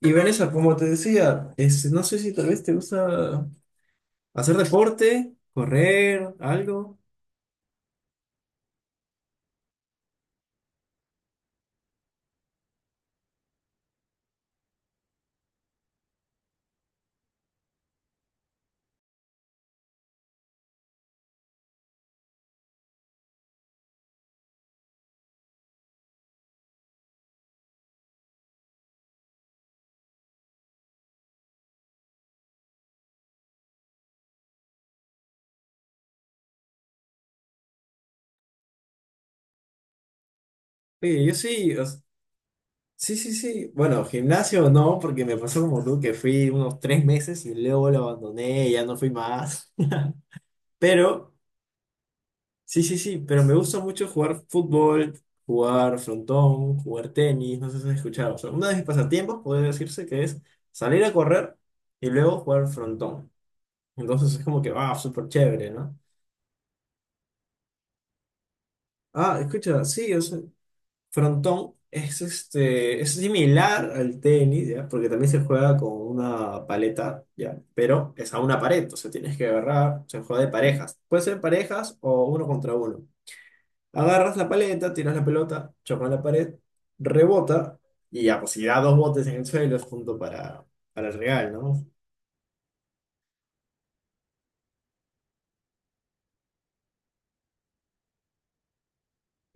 Y Vanessa, como te decía, no sé si tal vez te gusta hacer deporte, correr, algo. Oye, yo sí, sí. Bueno, gimnasio no, porque me pasó como tú que fui unos tres meses y luego lo abandoné, ya no fui más. Pero, sí, pero me gusta mucho jugar fútbol, jugar frontón, jugar tenis, no sé si has escuchado. O sea, uno de mis pasatiempos puede decirse que es salir a correr y luego jugar frontón. Entonces es como que, va, súper chévere, ¿no? Ah, escucha, sí, o sea, frontón es similar al tenis, ¿ya? Porque también se juega con una paleta, ¿ya? Pero es a una pared, o sea, tienes que agarrar, se juega de parejas. Puede ser parejas o uno contra uno. Agarras la paleta, tiras la pelota, choca en la pared, rebota y ya, pues si da dos botes en el suelo es punto para el regal, ¿no?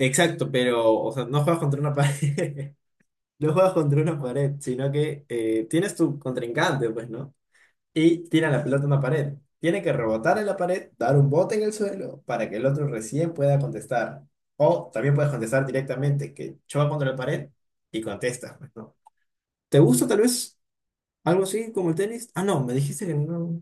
Exacto, pero, o sea, no juegas contra una pared, no juegas contra una pared, sino que tienes tu contrincante, pues, ¿no? Y tiran la pelota a una pared. Tiene que rebotar en la pared, dar un bote en el suelo para que el otro recién pueda contestar. O también puedes contestar directamente, que choca contra la pared y contestas, pues, ¿no? ¿Te gusta tal vez algo así como el tenis? Ah, no, me dijiste que no.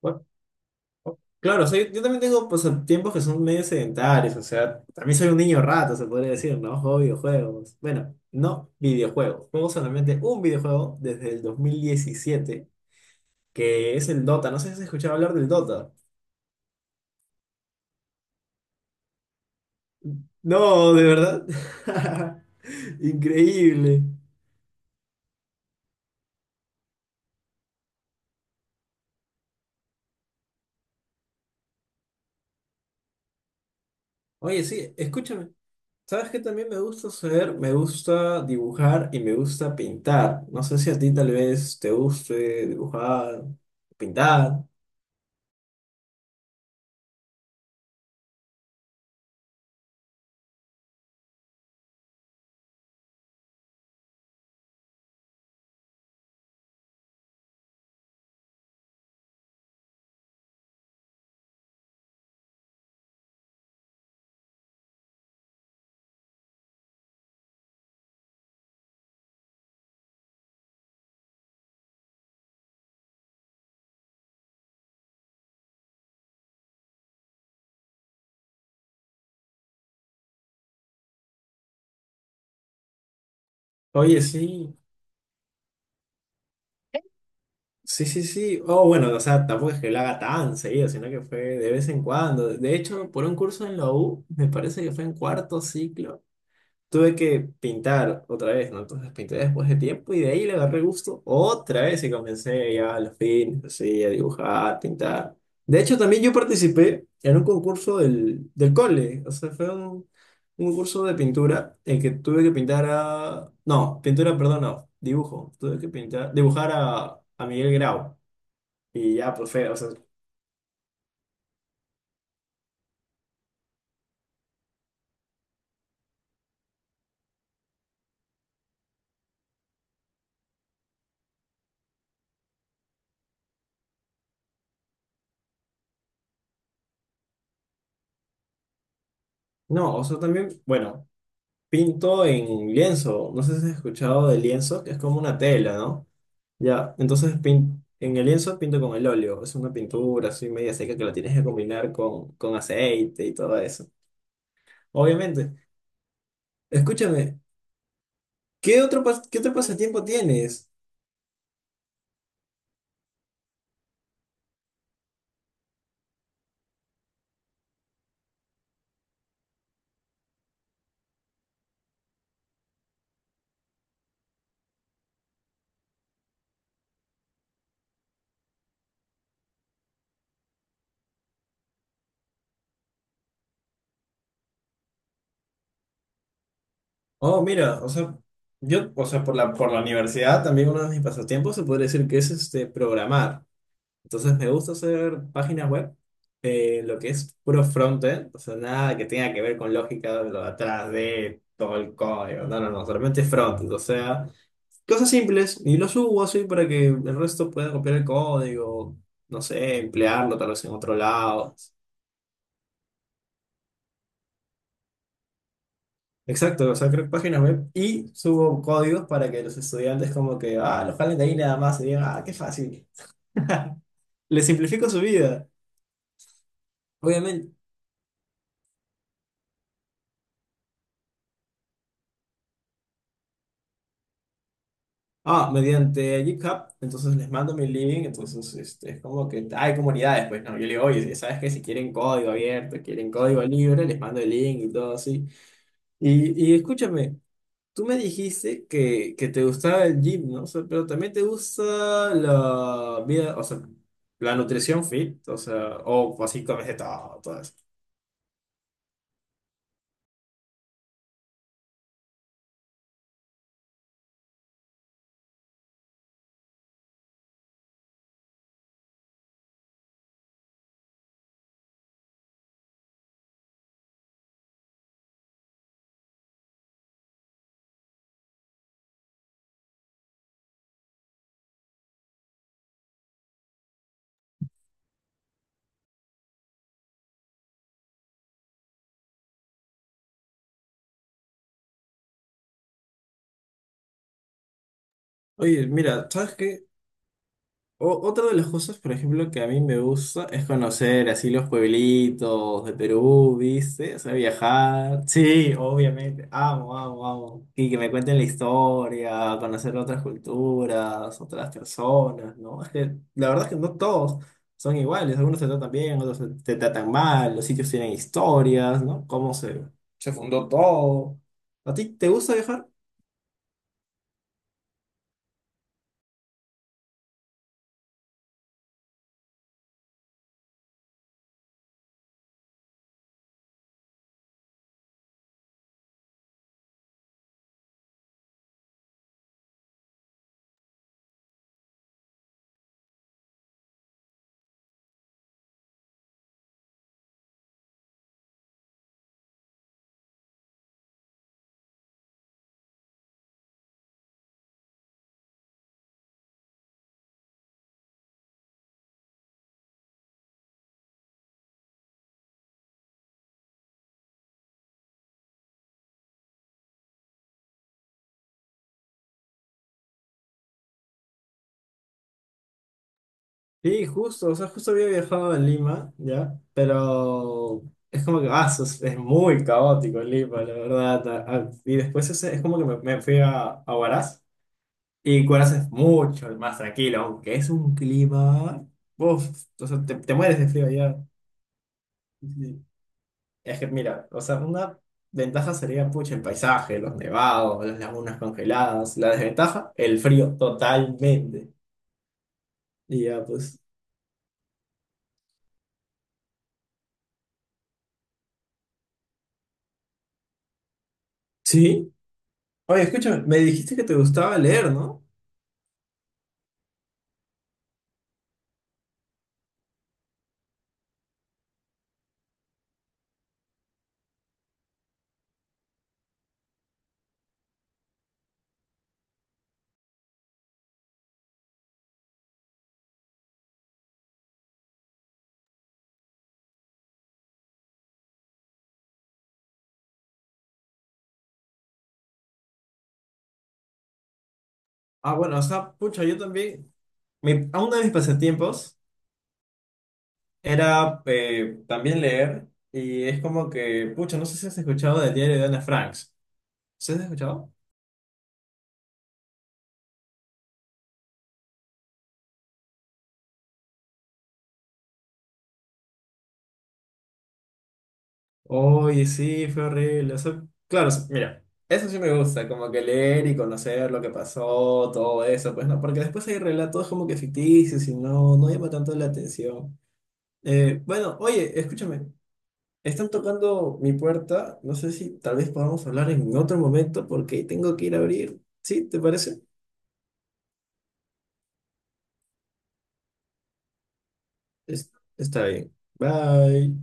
Bueno, o- claro, o sea, yo también tengo pues tiempos que son medio sedentarios, o sea, también soy un niño rato, se podría decir, ¿no? Juego videojuegos. Bueno, no videojuegos, juego solamente un videojuego desde el 2017, que es el Dota. No sé si has escuchado hablar del Dota. No, de verdad. Increíble. Oye, sí, escúchame. ¿Sabes qué también me gusta hacer? Me gusta dibujar y me gusta pintar. No sé si a ti tal vez te guste dibujar, pintar. Oye, sí. Sí. Oh, bueno, o sea, tampoco es que lo haga tan seguido, sino que fue de vez en cuando. De hecho, por un curso en la U, me parece que fue en cuarto ciclo. Tuve que pintar otra vez, ¿no? Entonces pinté después de tiempo y de ahí le agarré gusto otra vez y comencé ya a los fines, así, a dibujar, pintar. De hecho, también yo participé en un concurso del cole, o sea, fue un curso de pintura en que tuve que pintar a... No, pintura, perdón, no, dibujo. Tuve que pintar, dibujar a Miguel Grau y ya, pues fue, o sea, no, o sea, también, bueno, pinto en lienzo, no sé si has escuchado de lienzo, que es como una tela, ¿no? Ya, entonces pin- en el lienzo pinto con el óleo. Es una pintura así media seca que la tienes que combinar con aceite y todo eso. Obviamente. Escúchame, ¿qué otro, pas- qué otro pasatiempo tienes? Oh, mira, o sea, yo, o sea, por por la universidad también uno de mis pasatiempos se podría decir que es programar. Entonces me gusta hacer páginas web, lo que es puro frontend, o sea, nada que tenga que ver con lógica de lo de atrás de todo el código. No, no, no, solamente frontend, o sea. Cosas simples y lo subo así para que el resto pueda copiar el código, no sé, emplearlo tal vez en otro lado. Exacto, o sea, creo páginas web y subo códigos para que los estudiantes como que, ah, los jalen de ahí nada más y digan, ah, qué fácil. Les simplifico su vida, obviamente. Ah, mediante GitHub, entonces les mando mi link, es como que hay comunidades, pues, ¿no? Yo le digo, oye, si ¿sabes qué? Si quieren código abierto, quieren código libre, les mando el link y todo así. Y escúchame. Tú me dijiste que te gustaba el gym, ¿no? O sea, pero también te gusta la vida, o sea, la nutrición fit, o sea, o así comes de todo, todo eso. Oye, mira, ¿sabes qué? O- otra de las cosas, por ejemplo, que a mí me gusta es conocer así los pueblitos de Perú, ¿viste? O sea, viajar. Sí, obviamente. Amo, amo, amo. Y que me cuenten la historia, conocer otras culturas, otras personas, ¿no? Es que la verdad es que no todos son iguales. Algunos te tratan bien, otros te tratan mal. Los sitios tienen historias, ¿no? Cómo se, se fundó todo. ¿A ti te gusta viajar? Sí, justo, o sea, justo había viajado a Lima, ¿ya? Pero es como que, ah, sos- es muy caótico Lima, la verdad. A- a- y después es como que me fui a Huaraz, y Huaraz es mucho más tranquilo, aunque es un clima, uf, o sea, te mueres de frío allá. Sí. Es que, mira, o sea, una ventaja sería, pucha, el paisaje, los nevados, las lagunas congeladas. La desventaja, el frío, totalmente. Y ya, pues, sí. Oye, escúchame, me dijiste que te gustaba leer, ¿no? Ah, bueno, o sea, pucha, yo también, mi, a uno de mis pasatiempos era también leer, y es como que, pucha, no sé si has escuchado del diario de Ana Frank. ¿Sí has escuchado? Oye, sí, fue horrible. O sea, claro, s- mira, eso sí me gusta, como que leer y conocer lo que pasó, todo eso, pues no, porque después hay relatos como que ficticios y no, no llama tanto la atención. Bueno, oye, escúchame. Están tocando mi puerta. No sé si tal vez podamos hablar en otro momento porque tengo que ir a abrir. ¿Sí? ¿Te parece? Es- está bien. Bye.